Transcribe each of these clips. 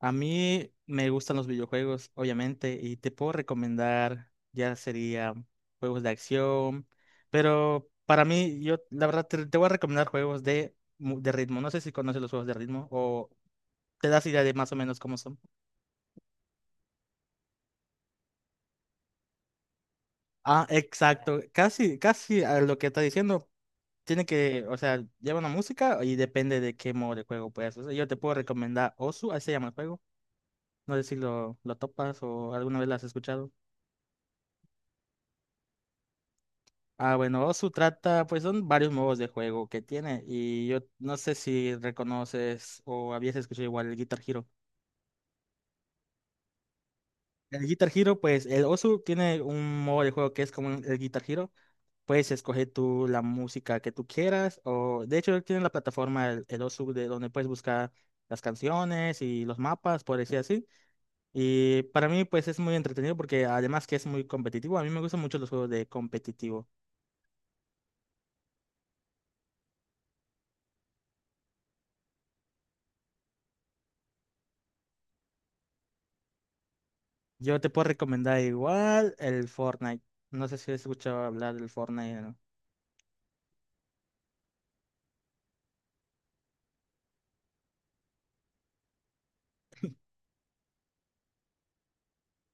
A mí me gustan los videojuegos, obviamente, y te puedo recomendar, ya sería juegos de acción, pero para mí, yo la verdad te voy a recomendar juegos de, de ritmo. No sé si conoces los juegos de ritmo o te das idea de más o menos cómo son. Ah, exacto, casi, casi a lo que está diciendo. Tiene que, o sea, lleva una música y depende de qué modo de juego puedas. O sea, yo te puedo recomendar Osu, así se llama el juego. No sé si lo topas o alguna vez lo has escuchado. Ah, bueno, Osu trata, pues son varios modos de juego que tiene y yo no sé si reconoces o habías escuchado igual el Guitar Hero. El Guitar Hero, pues el Osu tiene un modo de juego que es como el Guitar Hero. Puedes escoger tú la música que tú quieras o de hecho tiene la plataforma el Osu de donde puedes buscar las canciones y los mapas, por decir así. Y para mí pues es muy entretenido porque además que es muy competitivo, a mí me gustan mucho los juegos de competitivo. Yo te puedo recomendar igual el Fortnite. No sé si has escuchado hablar del Fortnite, ¿no?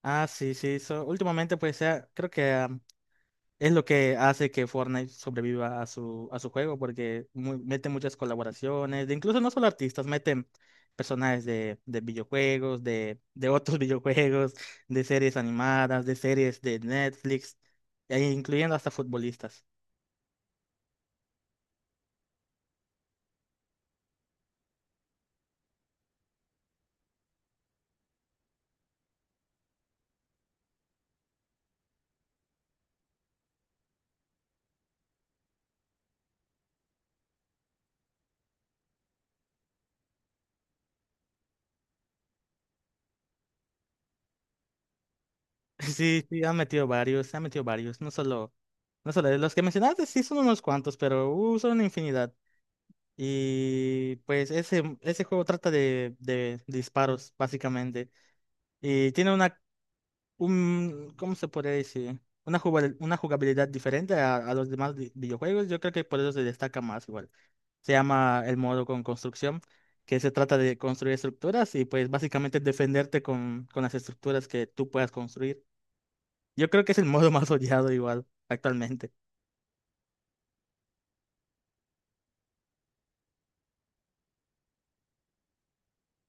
Ah, sí, sí. Últimamente, pues, sea, creo que es lo que hace que Fortnite sobreviva a a su juego, porque mete muchas colaboraciones, de incluso no solo artistas, meten personajes de videojuegos, de otros videojuegos, de series animadas, de series de Netflix, e incluyendo hasta futbolistas. Sí, sí, han metido varios, no solo, los que mencionaste sí son unos cuantos, pero son una infinidad. Y pues ese juego trata de disparos, básicamente. Y tiene una, un, ¿cómo se podría decir? Una una jugabilidad diferente a los demás videojuegos. Yo creo que por eso se destaca más igual. Se llama el modo con construcción, que se trata de construir estructuras y pues básicamente defenderte con las estructuras que tú puedas construir. Yo creo que es el modo más odiado igual actualmente.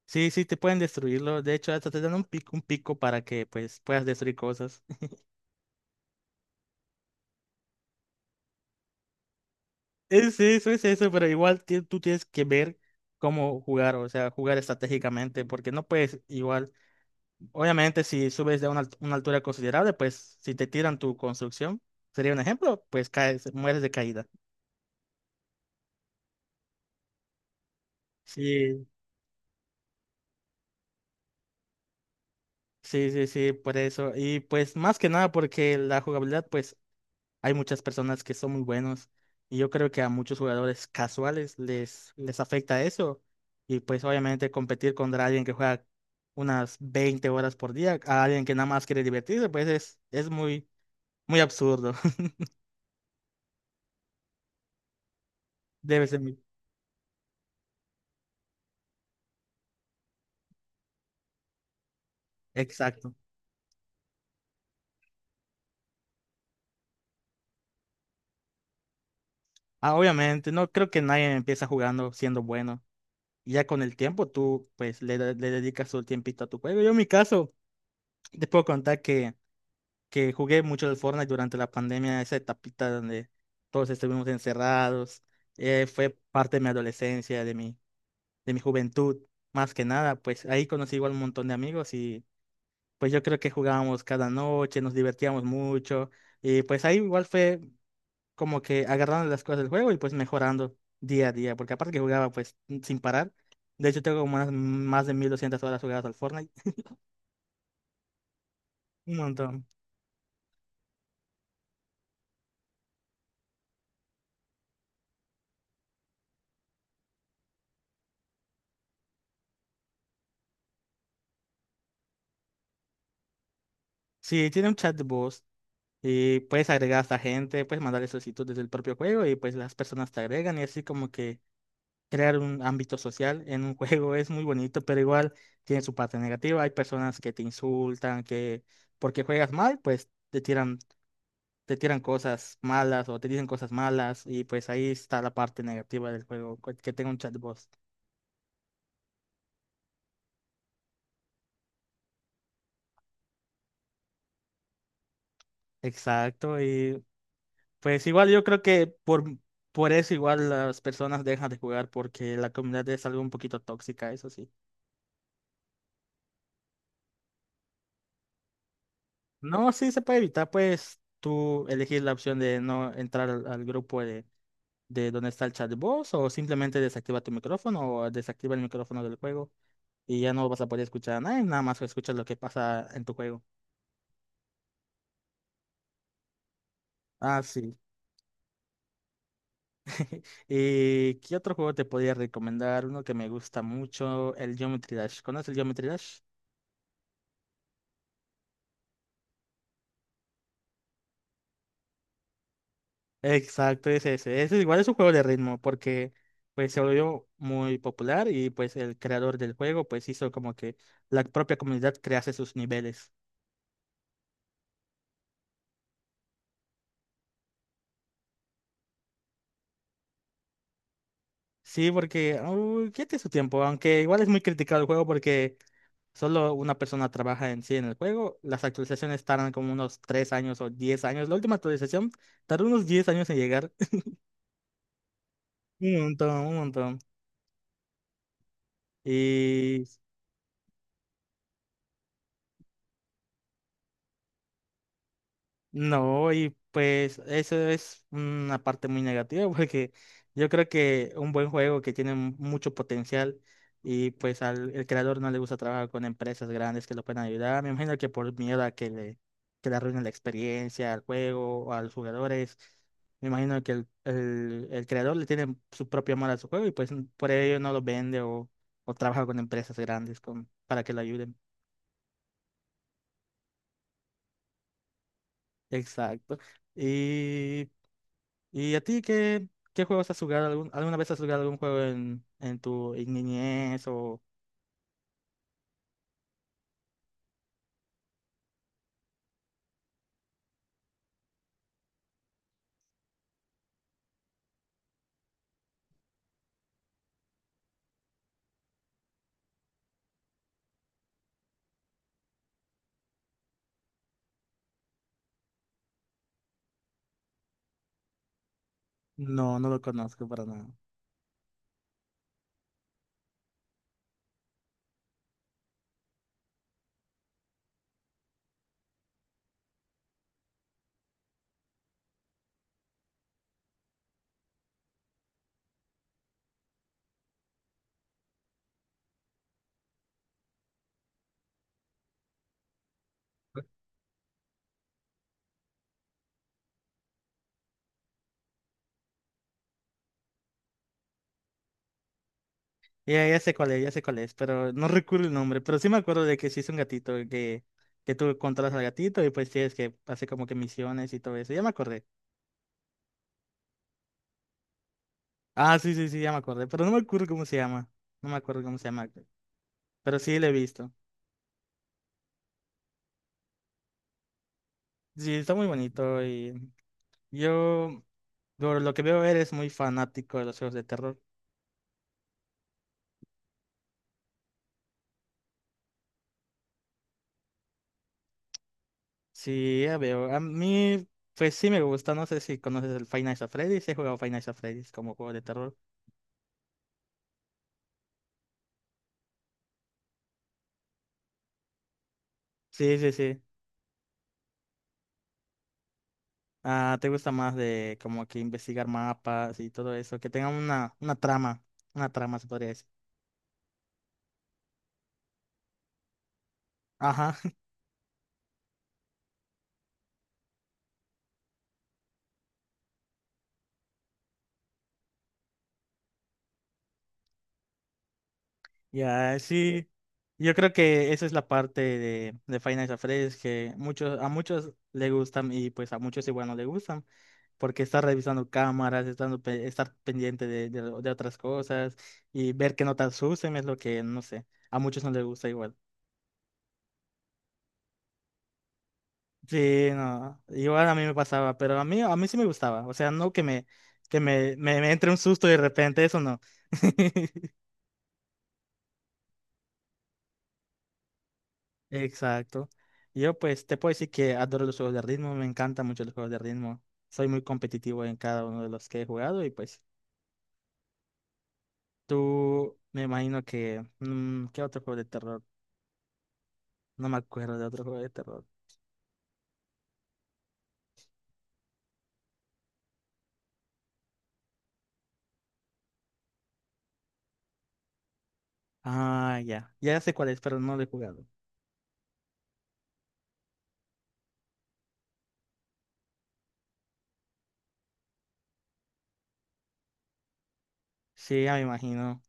Sí, sí, te pueden destruirlo. De hecho, hasta te dan un pico para que pues puedas destruir cosas. Es sí, eso, es eso, pero igual tú tienes que ver cómo jugar, o sea, jugar estratégicamente, porque no puedes igual. Obviamente, si subes de una, una altura considerable, pues si te tiran tu construcción, sería un ejemplo, pues caes, mueres de caída. Sí, sí, sí, sí, por eso. Y pues más que nada porque la jugabilidad, pues hay muchas personas que son muy buenos y yo creo que a muchos jugadores casuales les afecta eso. Y pues obviamente competir contra alguien que juega unas 20 horas por día, a alguien que nada más quiere divertirse, pues es muy, muy absurdo. Debe ser muy... Exacto. Ah, obviamente, no creo que nadie empieza jugando siendo bueno. Y ya con el tiempo tú pues le, le dedicas tu tiempito a tu juego. Yo en mi caso, te puedo contar que jugué mucho el Fortnite durante la pandemia, esa etapita donde todos estuvimos encerrados, fue parte de mi adolescencia, de mi juventud, más que nada, pues ahí conocí igual un montón de amigos y pues yo creo que jugábamos cada noche, nos divertíamos mucho y pues ahí igual fue como que agarrando las cosas del juego y pues mejorando día a día, porque aparte que jugaba pues sin parar, de hecho tengo como más de 1.200 horas jugadas al Fortnite, un montón. Sí, tiene un chat de voz. Y puedes agregar a esta gente, puedes mandarle solicitud desde el propio juego y pues las personas te agregan y así como que crear un ámbito social en un juego es muy bonito, pero igual tiene su parte negativa. Hay personas que te insultan, que porque juegas mal, pues te tiran cosas malas o te dicen cosas malas y pues ahí está la parte negativa del juego, que tenga un chatbot. Exacto, y pues igual yo creo que por eso igual las personas dejan de jugar porque la comunidad es algo un poquito tóxica, eso sí. No, sí se puede evitar, pues tú elegir la opción de no entrar al grupo de donde está el chat de voz o simplemente desactiva tu micrófono o desactiva el micrófono del juego y ya no vas a poder escuchar a nadie, nada más escuchas lo que pasa en tu juego. Ah, sí. ¿Y qué otro juego te podría recomendar? Uno que me gusta mucho, el Geometry Dash. ¿Conoces el Geometry Dash? Exacto, es ese. Ese igual es un juego de ritmo porque pues se volvió muy popular y pues el creador del juego pues hizo como que la propia comunidad crease sus niveles. Sí, porque uy, ya tiene su tiempo, aunque igual es muy criticado el juego porque solo una persona trabaja en sí en el juego. Las actualizaciones tardan como unos 3 años o 10 años. La última actualización tardó unos 10 años en llegar. Un montón, un montón. Y no, y pues eso es una parte muy negativa porque yo creo que un buen juego que tiene mucho potencial y pues al el creador no le gusta trabajar con empresas grandes que lo puedan ayudar. Me imagino que por miedo a que le arruinen la experiencia al juego o a los jugadores, me imagino que el creador le tiene su propio amor a su juego y pues por ello no lo vende o trabaja con empresas grandes con, para que lo ayuden. Exacto. ¿Y ¿Y a ti qué juegos has jugado? Alguna vez has jugado algún juego en tu niñez o...? No, no lo conozco para nada. Ya, ya sé cuál es, ya sé cuál es, pero no recuerdo el nombre. Pero sí me acuerdo de que sí es un gatito, que tú controlas al gatito y pues tienes que hacer como que misiones y todo eso. Ya me acordé. Ah, sí, sí, sí, ya me acordé, pero no me acuerdo cómo se llama. No me acuerdo cómo se llama. Pero sí lo he visto. Sí, está muy bonito y yo, por lo que veo, eres muy fanático de los juegos de terror. Sí, ya veo. A mí, pues sí me gusta. No sé si conoces el Five Nights at Freddy's. Sí, he jugado Five Nights at Freddy's como juego de terror. Sí, sí, sí. Ah, ¿te gusta más de como que investigar mapas y todo eso? Que tenga una trama. Una trama, se podría decir. Ajá. Ya, sí. Yo creo que esa es la parte de Five Nights at Freddy's que muchos, a muchos le gustan y pues a muchos igual no le gustan. Porque estar revisando cámaras, estar pendiente de otras cosas y ver que no te asusten es lo que, no sé, a muchos no les gusta igual. Sí, no, igual a mí me pasaba, pero a mí sí me gustaba, o sea, no que me, me entre un susto y de repente, eso no. Exacto. Yo pues te puedo decir que adoro los juegos de ritmo, me encantan mucho los juegos de ritmo. Soy muy competitivo en cada uno de los que he jugado y pues tú me imagino que... mm, ¿Qué otro juego de terror? No me acuerdo de otro juego de terror. Ah, ya. Ya sé cuál es, pero no lo he jugado. Sí, ya me imagino.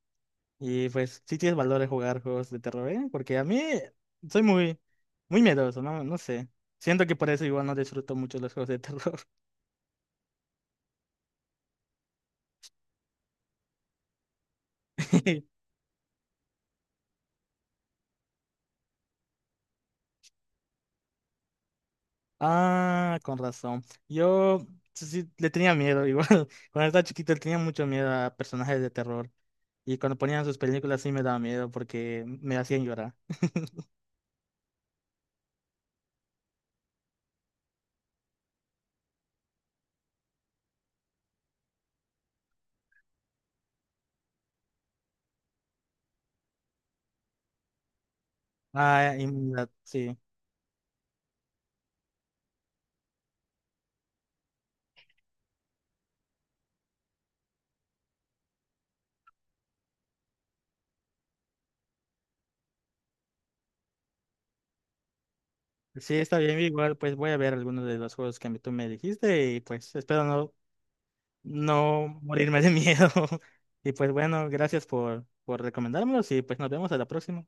Y pues sí tienes valor de jugar juegos de terror, ¿eh? Porque a mí soy muy, muy miedoso, ¿no? No sé. Siento que por eso igual no disfruto mucho los juegos de terror. Ah, con razón. Yo sí sí, le tenía miedo igual. Cuando estaba chiquito le tenía mucho miedo a personajes de terror. Y cuando ponían sus películas sí me daba miedo porque me hacían llorar. Ah, inmunidad, sí. Sí, está bien, igual pues voy a ver algunos de los juegos que tú me dijiste y pues espero no, no morirme de miedo. Y pues bueno, gracias por recomendármelos y pues nos vemos a la próxima.